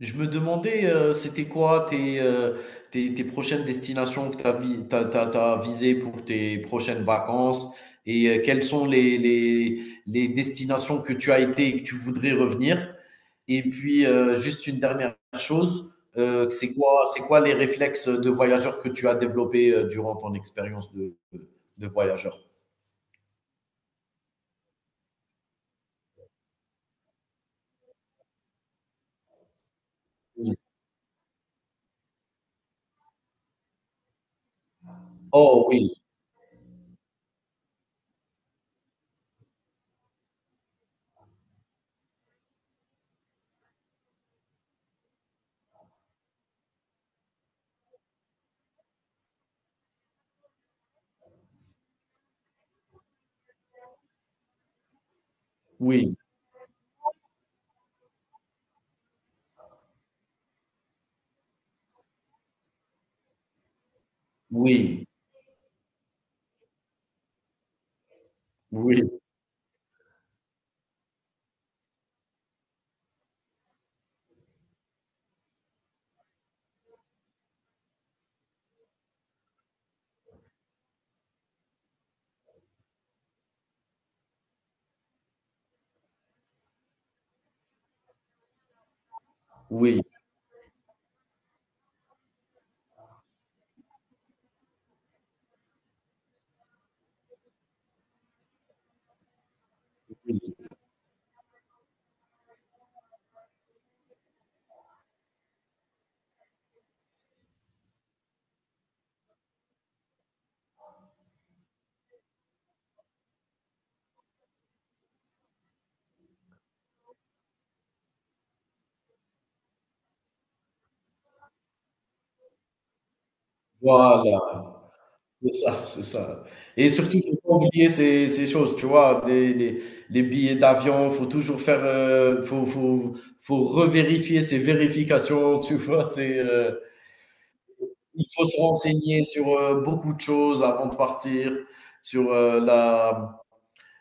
Je me demandais, c'était quoi tes prochaines destinations que tu as, t'as visées pour tes prochaines vacances et quelles sont les destinations que tu as été et que tu voudrais revenir. Et puis, juste une dernière chose, c'est quoi les réflexes de voyageur que tu as développés durant ton expérience de voyageur? Oui. Oh oui, oui, oui, oui, oui. Oui. Voilà. C'est ça, c'est ça. Et surtout, faut pas oublier ces choses, tu vois? Des les billets d'avion, faut toujours faire, faut revérifier ces vérifications, tu vois? Il faut se renseigner sur, beaucoup de choses avant de partir, sur, heu, la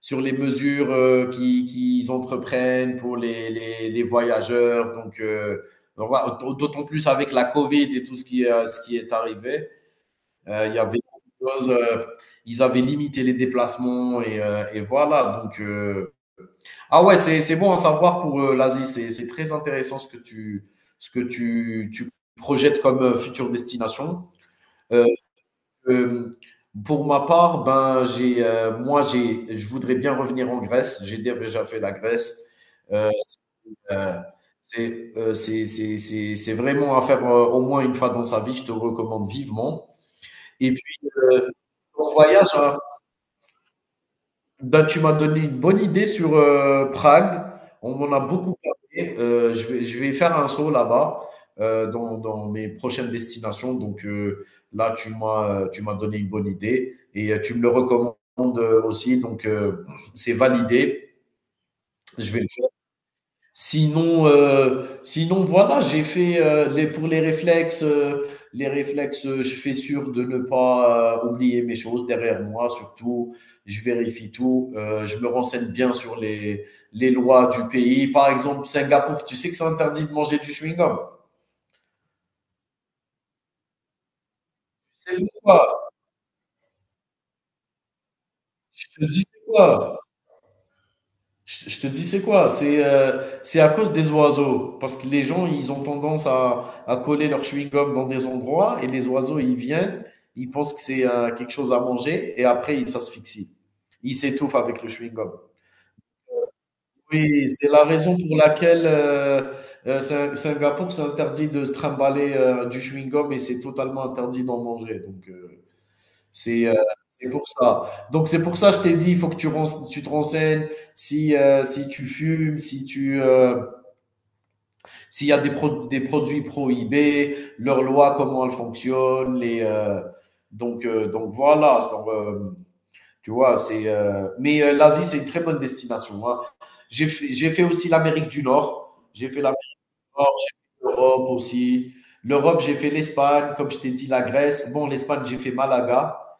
sur les mesures, qui qu'ils entreprennent pour les voyageurs, donc voilà, d'autant plus avec la covid et tout ce qui est arrivé. Il y avait chose, euh, ils avaient limité les déplacements et voilà. Ah ouais, c'est bon à savoir pour l'Asie. C'est très intéressant ce que tu projettes comme future destination. Euh, euh, pour ma part, ben, j'ai, je voudrais bien revenir en Grèce. J'ai déjà fait la Grèce. Euh, euh, c'est, c'est vraiment à faire au moins une fois dans sa vie. Je te recommande vivement. Et puis, euh, ton voyage, hein. Bah, tu m'as donné une bonne idée sur, Prague. On m'en a beaucoup parlé, je vais faire un saut là-bas, dans mes prochaines destinations, là, tu m'as donné une bonne idée et tu me le recommandes, aussi, c'est validé. Je vais le faire. Sinon, sinon voilà, j'ai fait, les pour les réflexes, je fais sûr de ne pas, oublier mes choses derrière moi surtout. Je vérifie tout, je me renseigne bien sur les lois du pays. Par exemple, Singapour, tu sais que c'est interdit de manger du chewing-gum. C'est quoi? Je te dis c'est quoi. Je te dis, c'est quoi? C'est à cause des oiseaux. Parce que les gens, ils ont tendance à coller leur chewing-gum dans des endroits et les oiseaux, ils viennent, ils pensent que c'est quelque chose à manger et après, ils s'asphyxient. Ils s'étouffent avec le chewing-gum. Oui, c'est la raison pour laquelle Singapour, c'est interdit de se trimballer du chewing-gum et c'est totalement interdit d'en manger. C'est euh, c'est pour ça. Donc c'est pour ça que je t'ai dit, il faut que tu te renseignes si si tu fumes, si tu s'il y a des produits prohibés, leurs lois, comment elles fonctionnent, les donc voilà. Tu vois, c'est mais l'Asie, c'est une très bonne destination, hein. J'ai fait aussi l'Amérique du Nord. J'ai fait l'Amérique du Nord, j'ai fait l'Europe aussi. L'Europe, j'ai fait l'Espagne, comme je t'ai dit, la Grèce. Bon, l'Espagne, j'ai fait Malaga.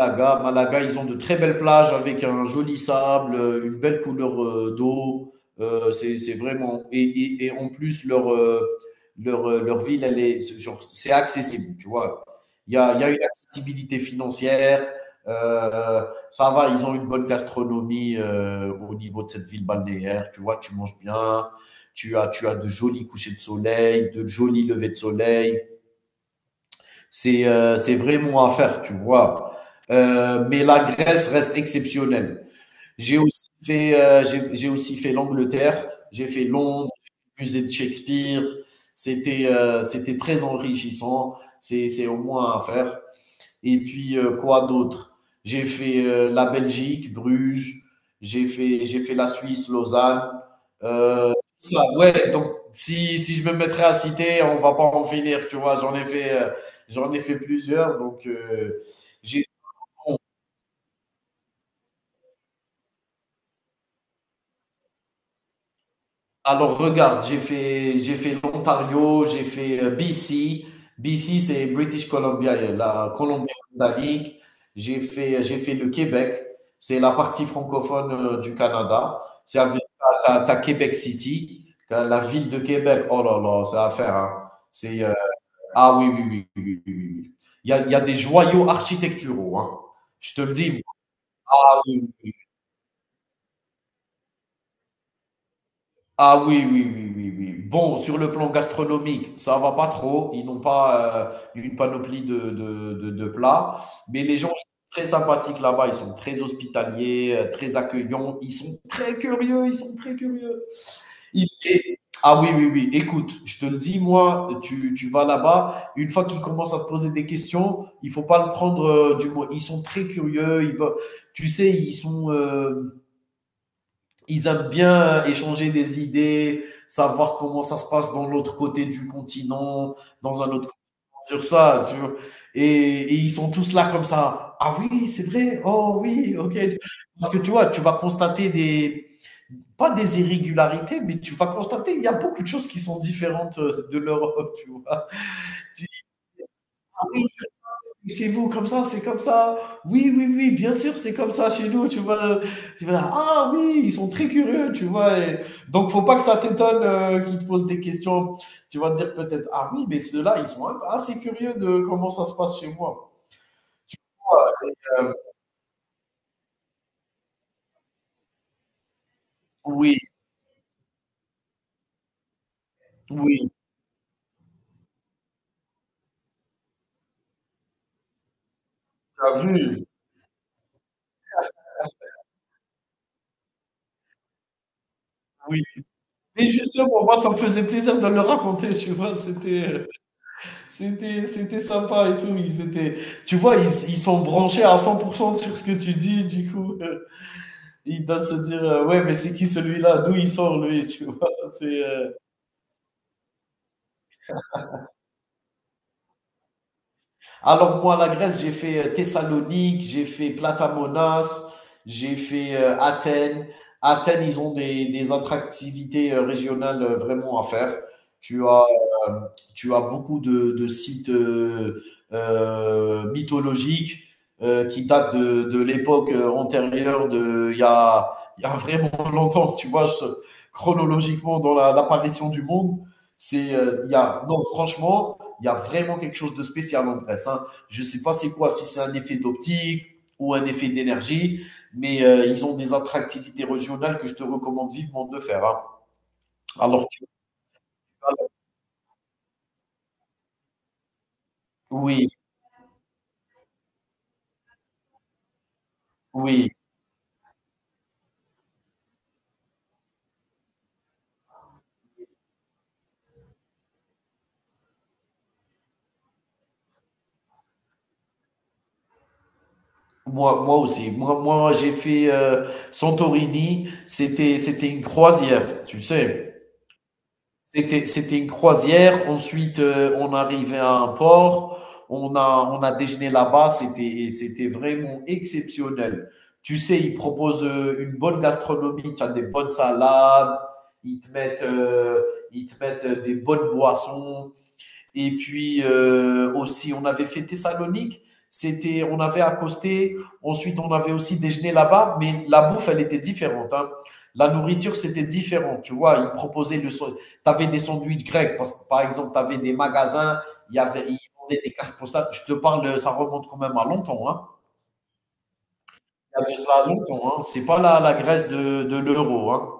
Malaga, ils ont de très belles plages avec un joli sable, une belle couleur d'eau. C'est vraiment. Et, en plus, leur ville, c'est genre, c'est accessible, tu vois. Il y a une accessibilité financière. euh, Ça va, ils ont une bonne gastronomie au niveau de cette ville balnéaire. Tu vois, tu manges bien. Tu as de jolis couchers de soleil, de jolis levées de soleil. C'est vraiment à faire, tu vois. Mais la Grèce reste exceptionnelle. J'ai aussi fait j'ai aussi fait l'Angleterre, j'ai fait Londres, le musée de Shakespeare. C'était très enrichissant. C'est au moins à faire. Et puis, quoi d'autre? J'ai fait la Belgique, Bruges, j'ai fait la Suisse, Lausanne. Euh, ouais, donc si, si je me mettrais à citer, on va pas en finir, tu vois. J'en ai fait plusieurs, donc j'ai Alors regarde, j'ai fait l'Ontario, j'ai fait BC. BC, c'est British Columbia, la Colombie-Britannique. J'ai fait le Québec. C'est la partie francophone du Canada. C'est avec Québec City, la ville de Québec. Oh là là, ça à faire, hein. C'est ah oui oui oui oui oui oui. Oui. Il y a des joyaux architecturaux, hein. Je te le dis. Ah oui, oui, ah oui, oui, oui, oui, oui. Bon, sur le plan gastronomique, ça va pas trop. Ils n'ont pas une panoplie de plats. Mais les gens sont très sympathiques là-bas. Ils sont très hospitaliers, très accueillants. Ils sont très curieux. Ils sont très curieux. Ils- et- Ah oui, oui, oui. Écoute, je te le dis, moi, tu vas là-bas. Une fois qu'ils commencent à te poser des questions, il faut pas le prendre du mot. Ils sont très curieux. Ils veulent- Tu sais, ils sont. Ils aiment bien échanger des idées, savoir comment ça se passe dans l'autre côté du continent, dans un autre sur ça, tu vois. Et, Ils sont tous là comme ça. Ah oui, c'est vrai. Oh oui, ok. Parce que tu vois, tu vas constater des pas des irrégularités, mais tu vas constater il y a beaucoup de choses qui sont différentes de l'Europe, tu vois. Tu dis, ah oui, chez vous, comme ça, c'est comme ça. Oui, oui, oui, bien sûr, c'est comme ça chez nous, tu vois. Le- Tu vas dire, ah oui, ils sont très curieux, tu vois. Et donc, faut pas que ça t'étonne qu'ils te posent des questions. Tu vas te dire peut-être, ah oui, mais ceux-là, ils sont assez curieux de comment ça se passe chez moi. Euh, oui, oui, t'as vu, oui. Et justement, moi, ça me faisait plaisir de le raconter, tu vois, c'était, c'était sympa et tout. Ils étaient, tu vois, ils sont branchés à 100% sur ce que tu dis, du coup. Il doit se dire ouais, mais c'est qui celui-là, d'où il sort lui, tu vois, c'est Alors moi, la Grèce, j'ai fait Thessalonique, j'ai fait Platamonas, j'ai fait Athènes. Athènes, ils ont des attractivités régionales vraiment à faire. Tu as, euh, tu as beaucoup de sites mythologiques qui datent de l'époque antérieure, de, il y a vraiment longtemps, tu vois, je- chronologiquement dans la- l'apparition du monde. C'est, il y a, non, franchement, il y a vraiment quelque chose de spécial en Grèce, hein. Je ne sais pas c'est quoi, si c'est un effet d'optique ou un effet d'énergie, mais ils ont des attractivités régionales que je te recommande vivement de faire, hein. Alors, tu- oui, oui. Moi, moi aussi. Moi j'ai fait Santorini. C'était, c'était une croisière, tu sais. C'était, c'était une croisière. Ensuite, on arrivait à un port. On a déjeuné là-bas. Et c'était vraiment exceptionnel. Tu sais, ils proposent une bonne gastronomie. Tu as des bonnes salades. Ils te mettent, euh, ils te mettent des bonnes boissons. Et puis aussi, on avait fait Thessalonique. On avait accosté. Ensuite, on avait aussi déjeuné là-bas, mais la bouffe, elle était différente, hein. La nourriture, c'était différent. Tu vois, ils proposaient le. Tu avais des sandwichs grecs, parce que, par exemple, tu avais des magasins, ils vendaient des cartes postales. Je te parle, ça remonte quand même à longtemps, hein. Il y a de cela longtemps, hein. C'est pas la Grèce de l'euro, hein.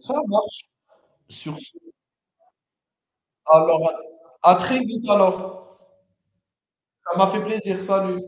Ça marche. Sur ce, alors, à à très vite alors. Ça m'a fait plaisir. Salut.